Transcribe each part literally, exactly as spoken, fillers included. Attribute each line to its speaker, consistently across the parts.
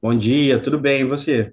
Speaker 1: Bom dia, tudo bem? E você?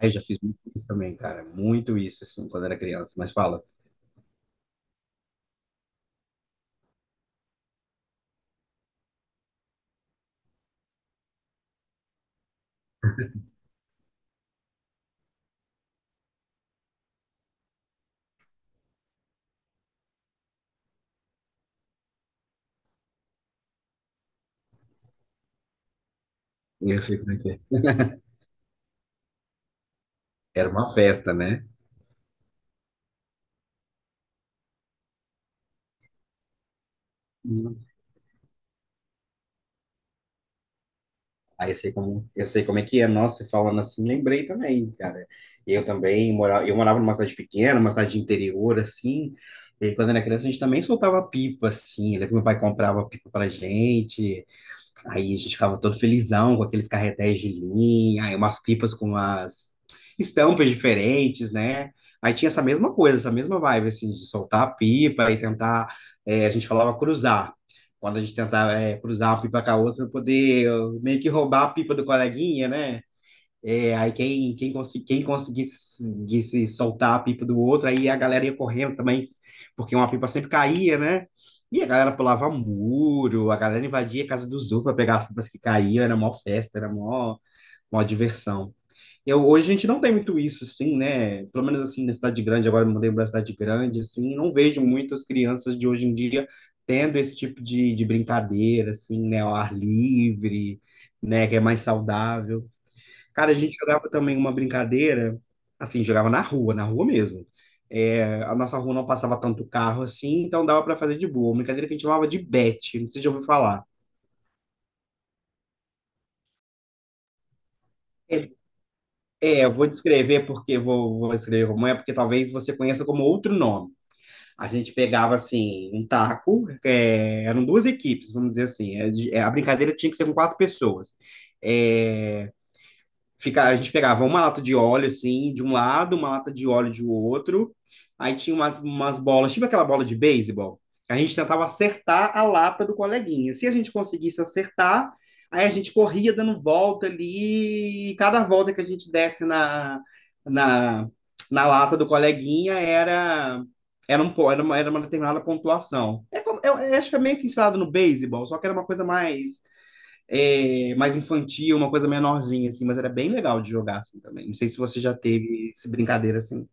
Speaker 1: Ai, já fiz muito isso também, cara. Muito isso, assim, quando era criança. Mas fala, eu sei como é que é. Era uma festa, né? Hum. Aí eu sei como, eu sei como é que é. Nossa, e falando assim, lembrei também, cara. Eu também morava, eu morava numa cidade pequena, uma cidade de interior, assim. E quando era criança, a gente também soltava pipa, assim. Eu lembro que meu pai comprava pipa pra gente. Aí a gente ficava todo felizão com aqueles carretéis de linha, aí umas pipas com umas estampas diferentes, né? Aí tinha essa mesma coisa, essa mesma vibe, assim, de soltar a pipa e tentar. É, a gente falava cruzar. Quando a gente tentava, é, cruzar uma pipa com a outra, pra poder eh, meio que roubar a pipa do coleguinha, né? É, aí quem, quem, consegui, quem conseguisse soltar a pipa do outro, aí a galera ia correndo também, porque uma pipa sempre caía, né? E a galera pulava muro, a galera invadia a casa dos outros para pegar as pipas que caíam, era mó festa, era mó, mó diversão. Eu, hoje a gente não tem muito isso, assim, né? Pelo menos assim, na cidade grande, agora eu me mudei para cidade grande, assim, não vejo muitas crianças de hoje em dia tendo esse tipo de, de brincadeira, assim, né? Ao ar livre, né? Que é mais saudável. Cara, a gente jogava também uma brincadeira, assim, jogava na rua, na rua mesmo. É, a nossa rua não passava tanto carro assim, então dava para fazer de boa. Uma brincadeira que a gente chamava de bet, não sei se já ouviu falar. É, é, eu vou descrever porque vou, vou descrever como é, porque talvez você conheça como outro nome. A gente pegava assim um taco, é, eram duas equipes, vamos dizer assim. É, de- é, a brincadeira tinha que ser com quatro pessoas. É, fica, a gente pegava uma lata de óleo, assim, de um lado, uma lata de óleo do outro. Aí tinha umas, umas bolas, tipo aquela bola de beisebol. A gente tentava acertar a lata do coleguinha. Se a gente conseguisse acertar, aí a gente corria dando volta ali, e cada volta que a gente desse na, na, na lata do coleguinha era, era, um, po- era, uma, era uma determinada pontuação. É como- eu, eu acho que é meio que inspirado no beisebol, só que era uma coisa mais é, mais infantil, uma coisa menorzinha, assim, mas era bem legal de jogar assim, também. Não sei se você já teve essa brincadeira assim.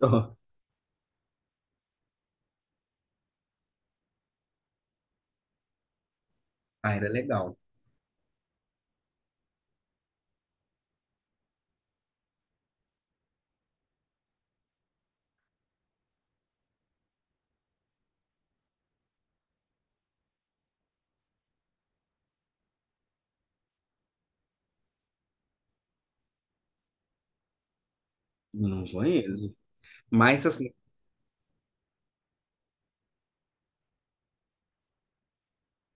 Speaker 1: Ah, era legal. Não conheço. Mas assim,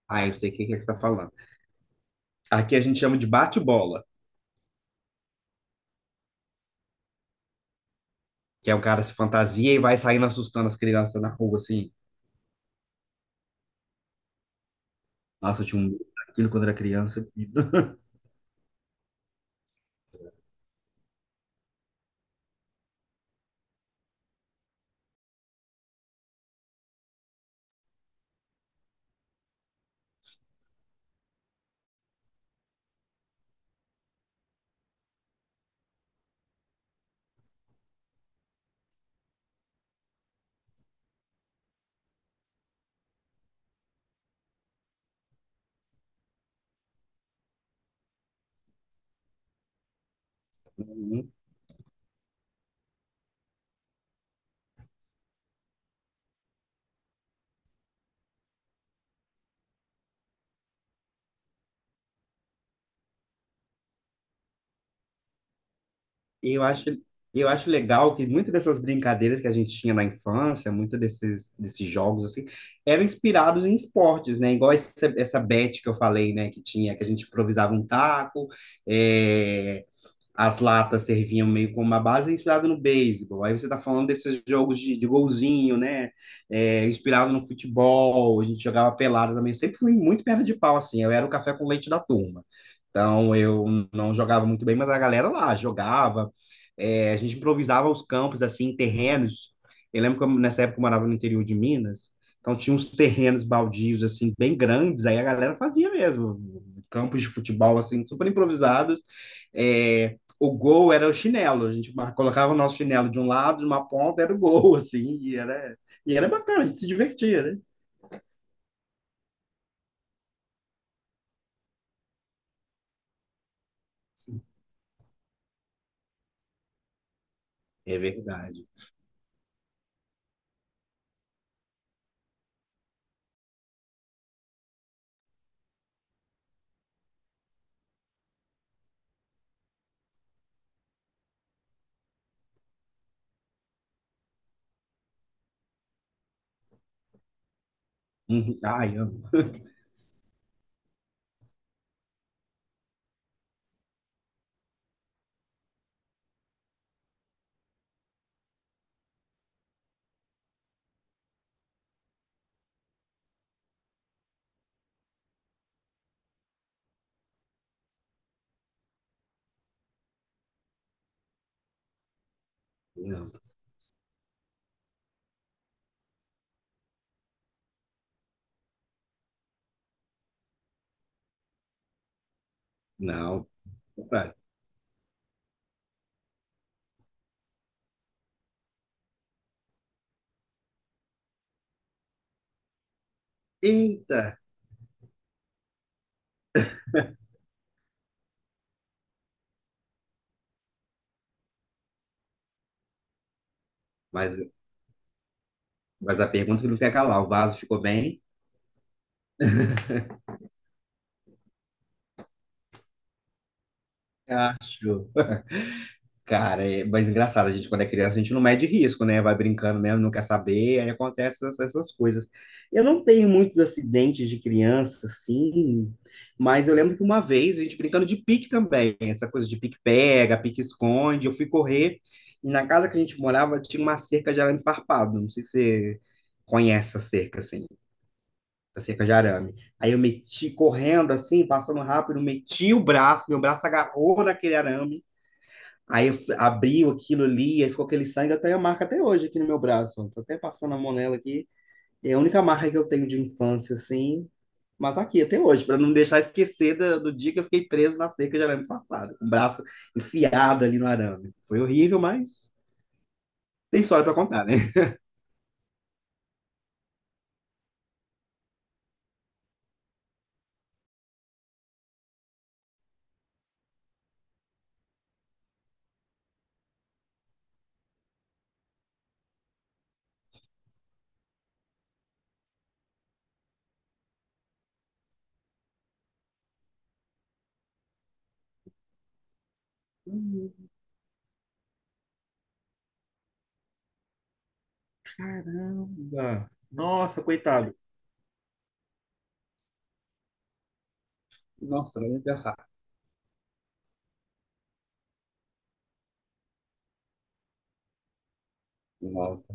Speaker 1: ah, eu sei o que que ele tá falando. Aqui a gente chama de bate-bola, que é o cara se fantasia e vai saindo assustando as crianças na rua, assim. Nossa, eu tinha um medo daquilo quando era criança. E eu acho, e eu acho legal que muitas dessas brincadeiras que a gente tinha na infância, muitos desses, desses jogos, assim, eram inspirados em esportes, né? Igual essa, essa bet que eu falei, né? Que tinha, que a gente improvisava um taco, é, as latas serviam meio como uma base inspirada no beisebol. Aí você está falando desses jogos de, de golzinho, né? É, inspirado no futebol, a gente jogava pelada também. Eu sempre fui muito perna de pau, assim. Eu era o café com leite da turma. Então eu não jogava muito bem, mas a galera lá jogava. É, a gente improvisava os campos, assim, terrenos. Eu lembro que eu, nessa época eu morava no interior de Minas. Então tinha uns terrenos baldios, assim, bem grandes. Aí a galera fazia mesmo. Campos de futebol, assim, super improvisados. É, o gol era o chinelo. A gente colocava o nosso chinelo de um lado, de uma ponta, era o gol, assim, e era, e era bacana, a gente se divertia, né? É verdade. Uhum. Ai, amo. Não, não. Eita! Mas, mas a pergunta que não quer calar, o vaso ficou bem? Acho. Cara, é, mas engraçado, a gente quando é criança, a gente não mede risco, né? Vai brincando mesmo, não quer saber, aí acontecem essas, essas coisas. Eu não tenho muitos acidentes de criança, assim, mas eu lembro que uma vez a gente brincando de pique também, essa coisa de pique pega, pique esconde, eu fui correr e na casa que a gente morava tinha uma cerca de arame farpado, não sei se você conhece a cerca, assim, a cerca de arame. Aí eu meti correndo, assim, passando rápido, meti o braço, meu braço agarrou naquele arame, aí eu f- abriu aquilo ali, aí ficou aquele sangue, eu tenho a marca até hoje aqui no meu braço. Tô até passando a mão nela aqui. É a única marca que eu tenho de infância, assim. Mas tá aqui até hoje, para não deixar esquecer da- do, dia que eu fiquei preso na cerca de arame farpado, com o braço enfiado ali no arame. Foi horrível, mas tem história para contar, né? Hum. Caramba! Nossa, coitado. Nossa, não ia pensar. Nossa,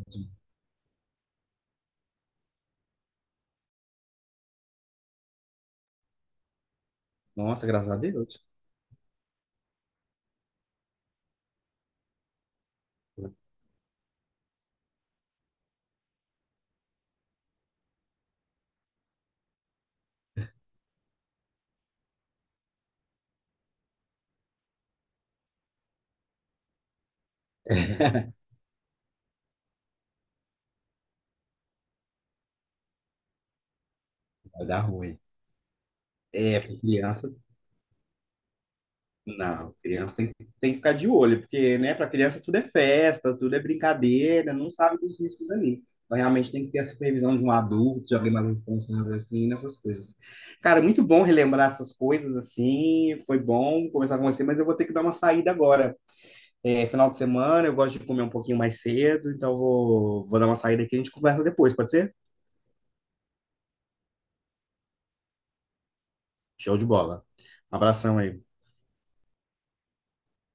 Speaker 1: nossa, graças a Deus. Vai dar ruim. É, porque criança. Não, criança tem, que- tem que ficar de olho, porque, né, para criança tudo é festa, tudo é brincadeira, não sabe dos riscos ali. Então, realmente tem que ter a supervisão de um adulto, de alguém mais responsável, assim, nessas coisas. Cara, muito bom relembrar essas coisas, assim, foi bom conversar com você, mas eu vou ter que dar uma saída agora. É final de semana, eu gosto de comer um pouquinho mais cedo, então eu vou, vou dar uma saída aqui e a gente conversa depois, pode ser? Show de bola. Abração aí.